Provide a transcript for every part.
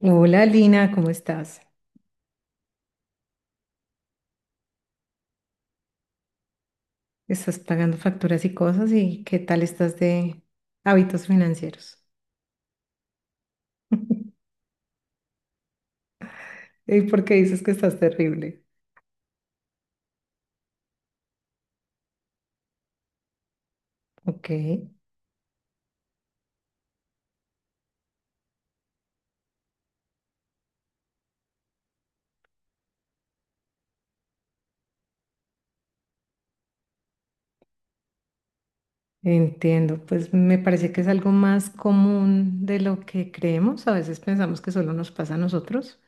Hola Lina, ¿cómo estás? Estás pagando facturas y cosas y ¿qué tal estás de hábitos financieros? ¿Y por qué dices que estás terrible? Ok, entiendo. Pues me parece que es algo más común de lo que creemos. A veces pensamos que solo nos pasa a nosotros.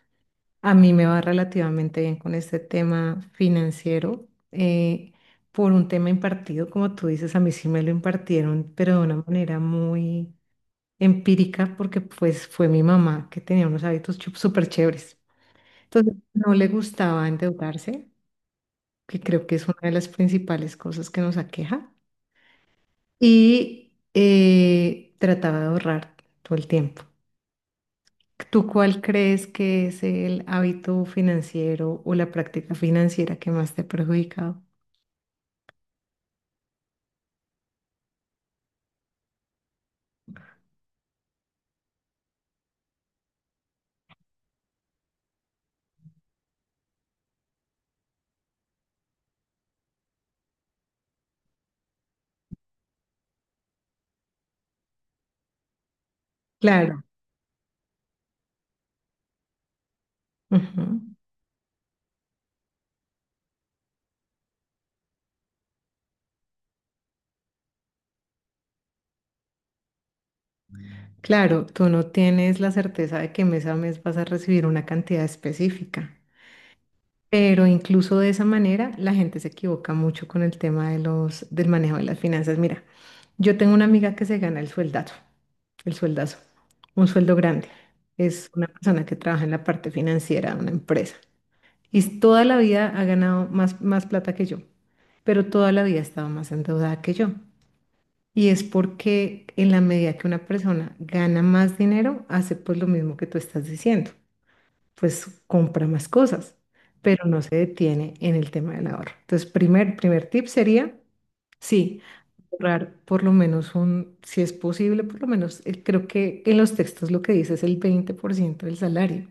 A mí me va relativamente bien con este tema financiero, eh, por un tema impartido, como tú dices, a mí sí me lo impartieron, pero de una manera muy empírica porque pues fue mi mamá que tenía unos hábitos súper chéveres. Entonces no le gustaba endeudarse, que creo que es una de las principales cosas que nos aqueja, y trataba de ahorrar todo el tiempo. ¿Tú cuál crees que es el hábito financiero o la práctica financiera que más te ha perjudicado? Claro. Ujú. Claro, tú no tienes la certeza de que mes a mes vas a recibir una cantidad específica. Pero incluso de esa manera, la gente se equivoca mucho con el tema de del manejo de las finanzas. Mira, yo tengo una amiga que se gana el sueldazo, un sueldo grande. Es una persona que trabaja en la parte financiera de una empresa y toda la vida ha ganado más plata que yo, pero toda la vida ha estado más endeudada que yo. Y es porque en la medida que una persona gana más dinero, hace pues lo mismo que tú estás diciendo, pues compra más cosas, pero no se detiene en el tema del ahorro. Entonces, primer tip sería, sí, ahorrar por lo menos un, si es posible, por lo menos, creo que en los textos lo que dice es el 20% del salario.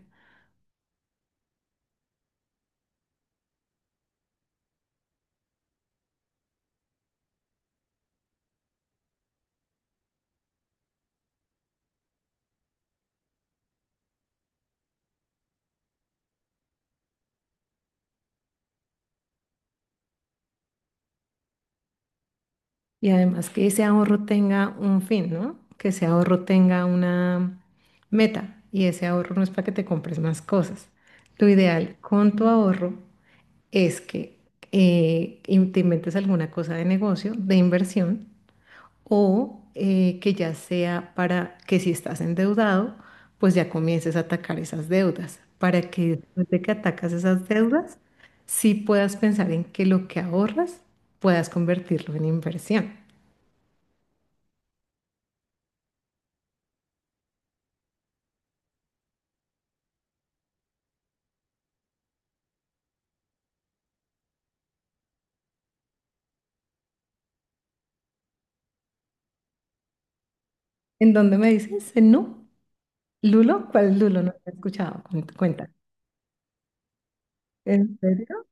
Y además que ese ahorro tenga un fin, ¿no? Que ese ahorro tenga una meta y ese ahorro no es para que te compres más cosas. Lo ideal con tu ahorro es que te inventes alguna cosa de negocio, de inversión, o que ya sea para que si estás endeudado, pues ya comiences a atacar esas deudas, para que después de que atacas esas deudas, sí puedas pensar en que lo que ahorras puedas convertirlo en inversión. ¿En dónde me dices? ¿En Nu? ¿Lulo? ¿Cuál Lulo? No te he escuchado. Cuenta. ¿En serio?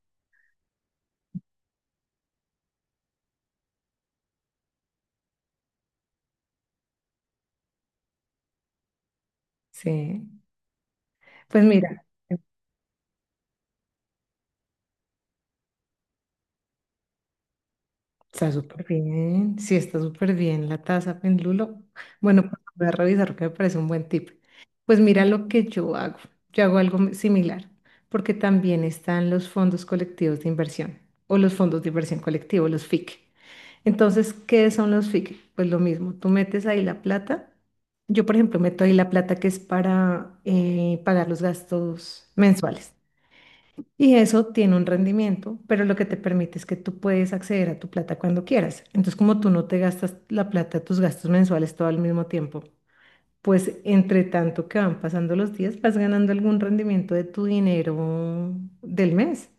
Sí. Pues mira. Está súper bien, sí, está súper bien la taza pendulo. Bueno, pues voy a revisar que me parece un buen tip. Pues mira lo que yo hago. Yo hago algo muy similar, porque también están los fondos colectivos de inversión o los fondos de inversión colectivo, los FIC. Entonces, ¿qué son los FIC? Pues lo mismo, tú metes ahí la plata. Yo, por ejemplo, meto ahí la plata que es para pagar los gastos mensuales. Y eso tiene un rendimiento, pero lo que te permite es que tú puedes acceder a tu plata cuando quieras. Entonces, como tú no te gastas la plata, tus gastos mensuales todo al mismo tiempo, pues entre tanto que van pasando los días, vas ganando algún rendimiento de tu dinero del mes.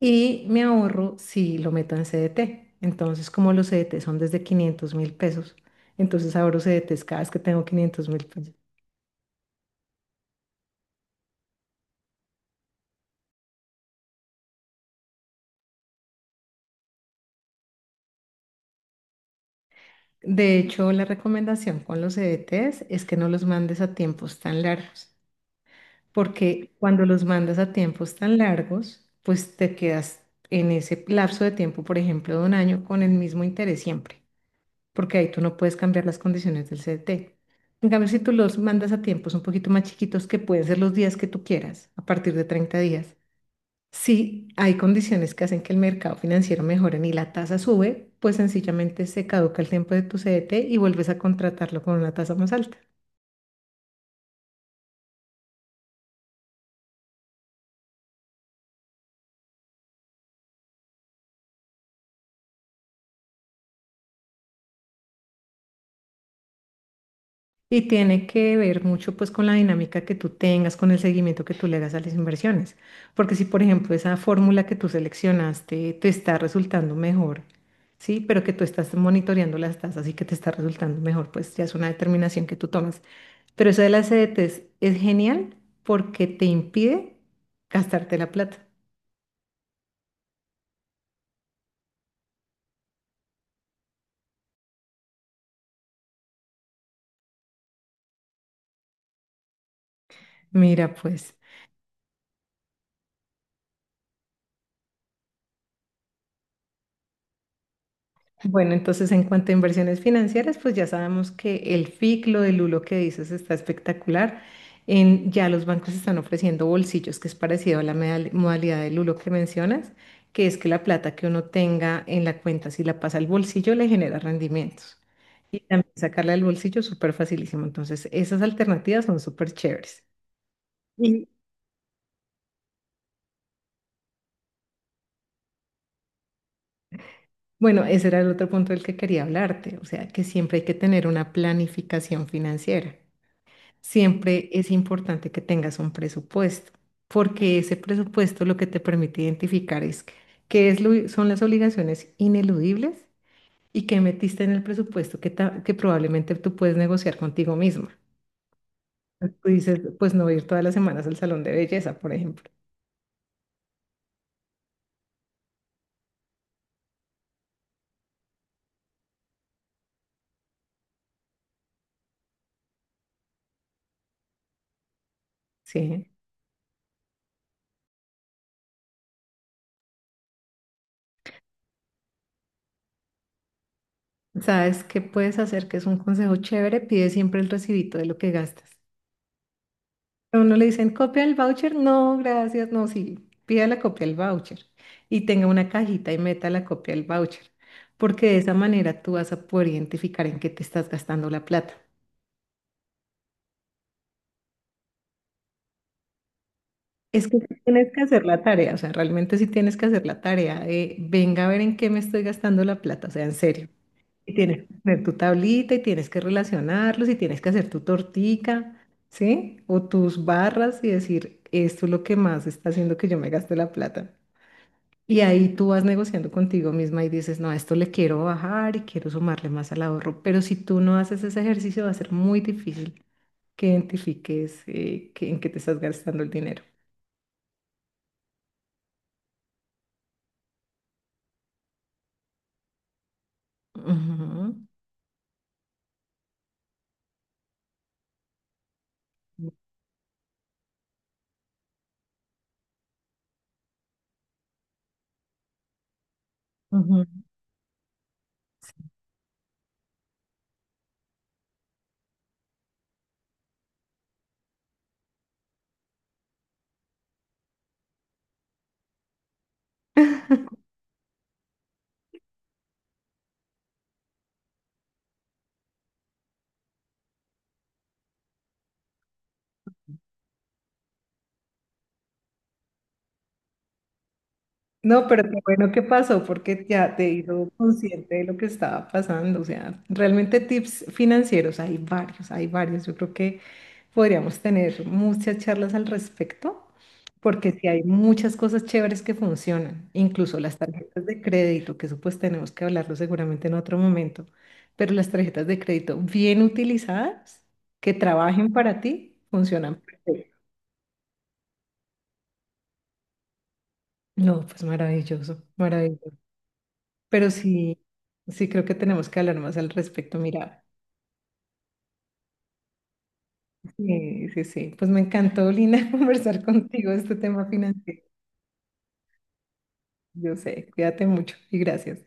Y me ahorro si lo meto en CDT. Entonces, como los CDT son desde $500.000, entonces ahorro CDTs cada vez que tengo $500.000. De hecho, la recomendación con los CDTs es que no los mandes a tiempos tan largos, porque cuando los mandas a tiempos tan largos, pues te quedas en ese lapso de tiempo, por ejemplo, de un año, con el mismo interés siempre, porque ahí tú no puedes cambiar las condiciones del CDT. En cambio, si tú los mandas a tiempos un poquito más chiquitos, que pueden ser los días que tú quieras, a partir de 30 días, si hay condiciones que hacen que el mercado financiero mejore y la tasa sube, pues sencillamente se caduca el tiempo de tu CDT y vuelves a contratarlo con una tasa más alta. Y tiene que ver mucho pues con la dinámica que tú tengas, con el seguimiento que tú le hagas a las inversiones. Porque si, por ejemplo, esa fórmula que tú seleccionaste te está resultando mejor, ¿sí? Pero que tú estás monitoreando las tasas y que te está resultando mejor, pues ya es una determinación que tú tomas. Pero eso de las CDTs es genial porque te impide gastarte la plata. Mira, pues. Bueno, entonces en cuanto a inversiones financieras, pues ya sabemos que el FIC, lo del Lulo que dices, está espectacular. En, ya los bancos están ofreciendo bolsillos, que es parecido a la modalidad del Lulo que mencionas, que es que la plata que uno tenga en la cuenta, si la pasa al bolsillo, le genera rendimientos. Y también sacarla del bolsillo es súper facilísimo. Entonces, esas alternativas son súper chéveres. Y bueno, ese era el otro punto del que quería hablarte, o sea, que siempre hay que tener una planificación financiera. Siempre es importante que tengas un presupuesto, porque ese presupuesto lo que te permite identificar es son las obligaciones ineludibles y qué metiste en el presupuesto que, que probablemente tú puedes negociar contigo misma. Tú dices, pues no ir todas las semanas al salón de belleza, por ejemplo. Sí. ¿Sabes qué puedes hacer? Que es un consejo chévere, pide siempre el recibito de lo que gastas. A uno le dicen, copia el voucher. No, gracias. No, sí, pida la copia del voucher y tenga una cajita y meta la copia del voucher, porque de esa manera tú vas a poder identificar en qué te estás gastando la plata. Es que sí tienes que hacer la tarea, o sea, realmente sí tienes que hacer la tarea de, venga a ver en qué me estoy gastando la plata, o sea, en serio. Y tienes que tener tu tablita y tienes que relacionarlos y tienes que hacer tu tortica, ¿sí? O tus barras y decir, esto es lo que más está haciendo que yo me gaste la plata. Y ahí tú vas negociando contigo misma y dices, no, a esto le quiero bajar y quiero sumarle más al ahorro. Pero si tú no haces ese ejercicio, va a ser muy difícil que identifiques en qué te estás gastando el dinero. Ujú, ujú. No, pero qué bueno que pasó porque ya te hizo consciente de lo que estaba pasando. O sea, realmente tips financieros hay varios, hay varios. Yo creo que podríamos tener muchas charlas al respecto, porque sí hay muchas cosas chéveres que funcionan, incluso las tarjetas de crédito, que eso pues tenemos que hablarlo seguramente en otro momento, pero las tarjetas de crédito bien utilizadas, que trabajen para ti, funcionan perfecto. No, pues maravilloso, maravilloso. Pero sí, sí creo que tenemos que hablar más al respecto. Mira, sí, sí, sí. Pues me encantó, Lina, conversar contigo este tema financiero. Yo sé, cuídate mucho y gracias.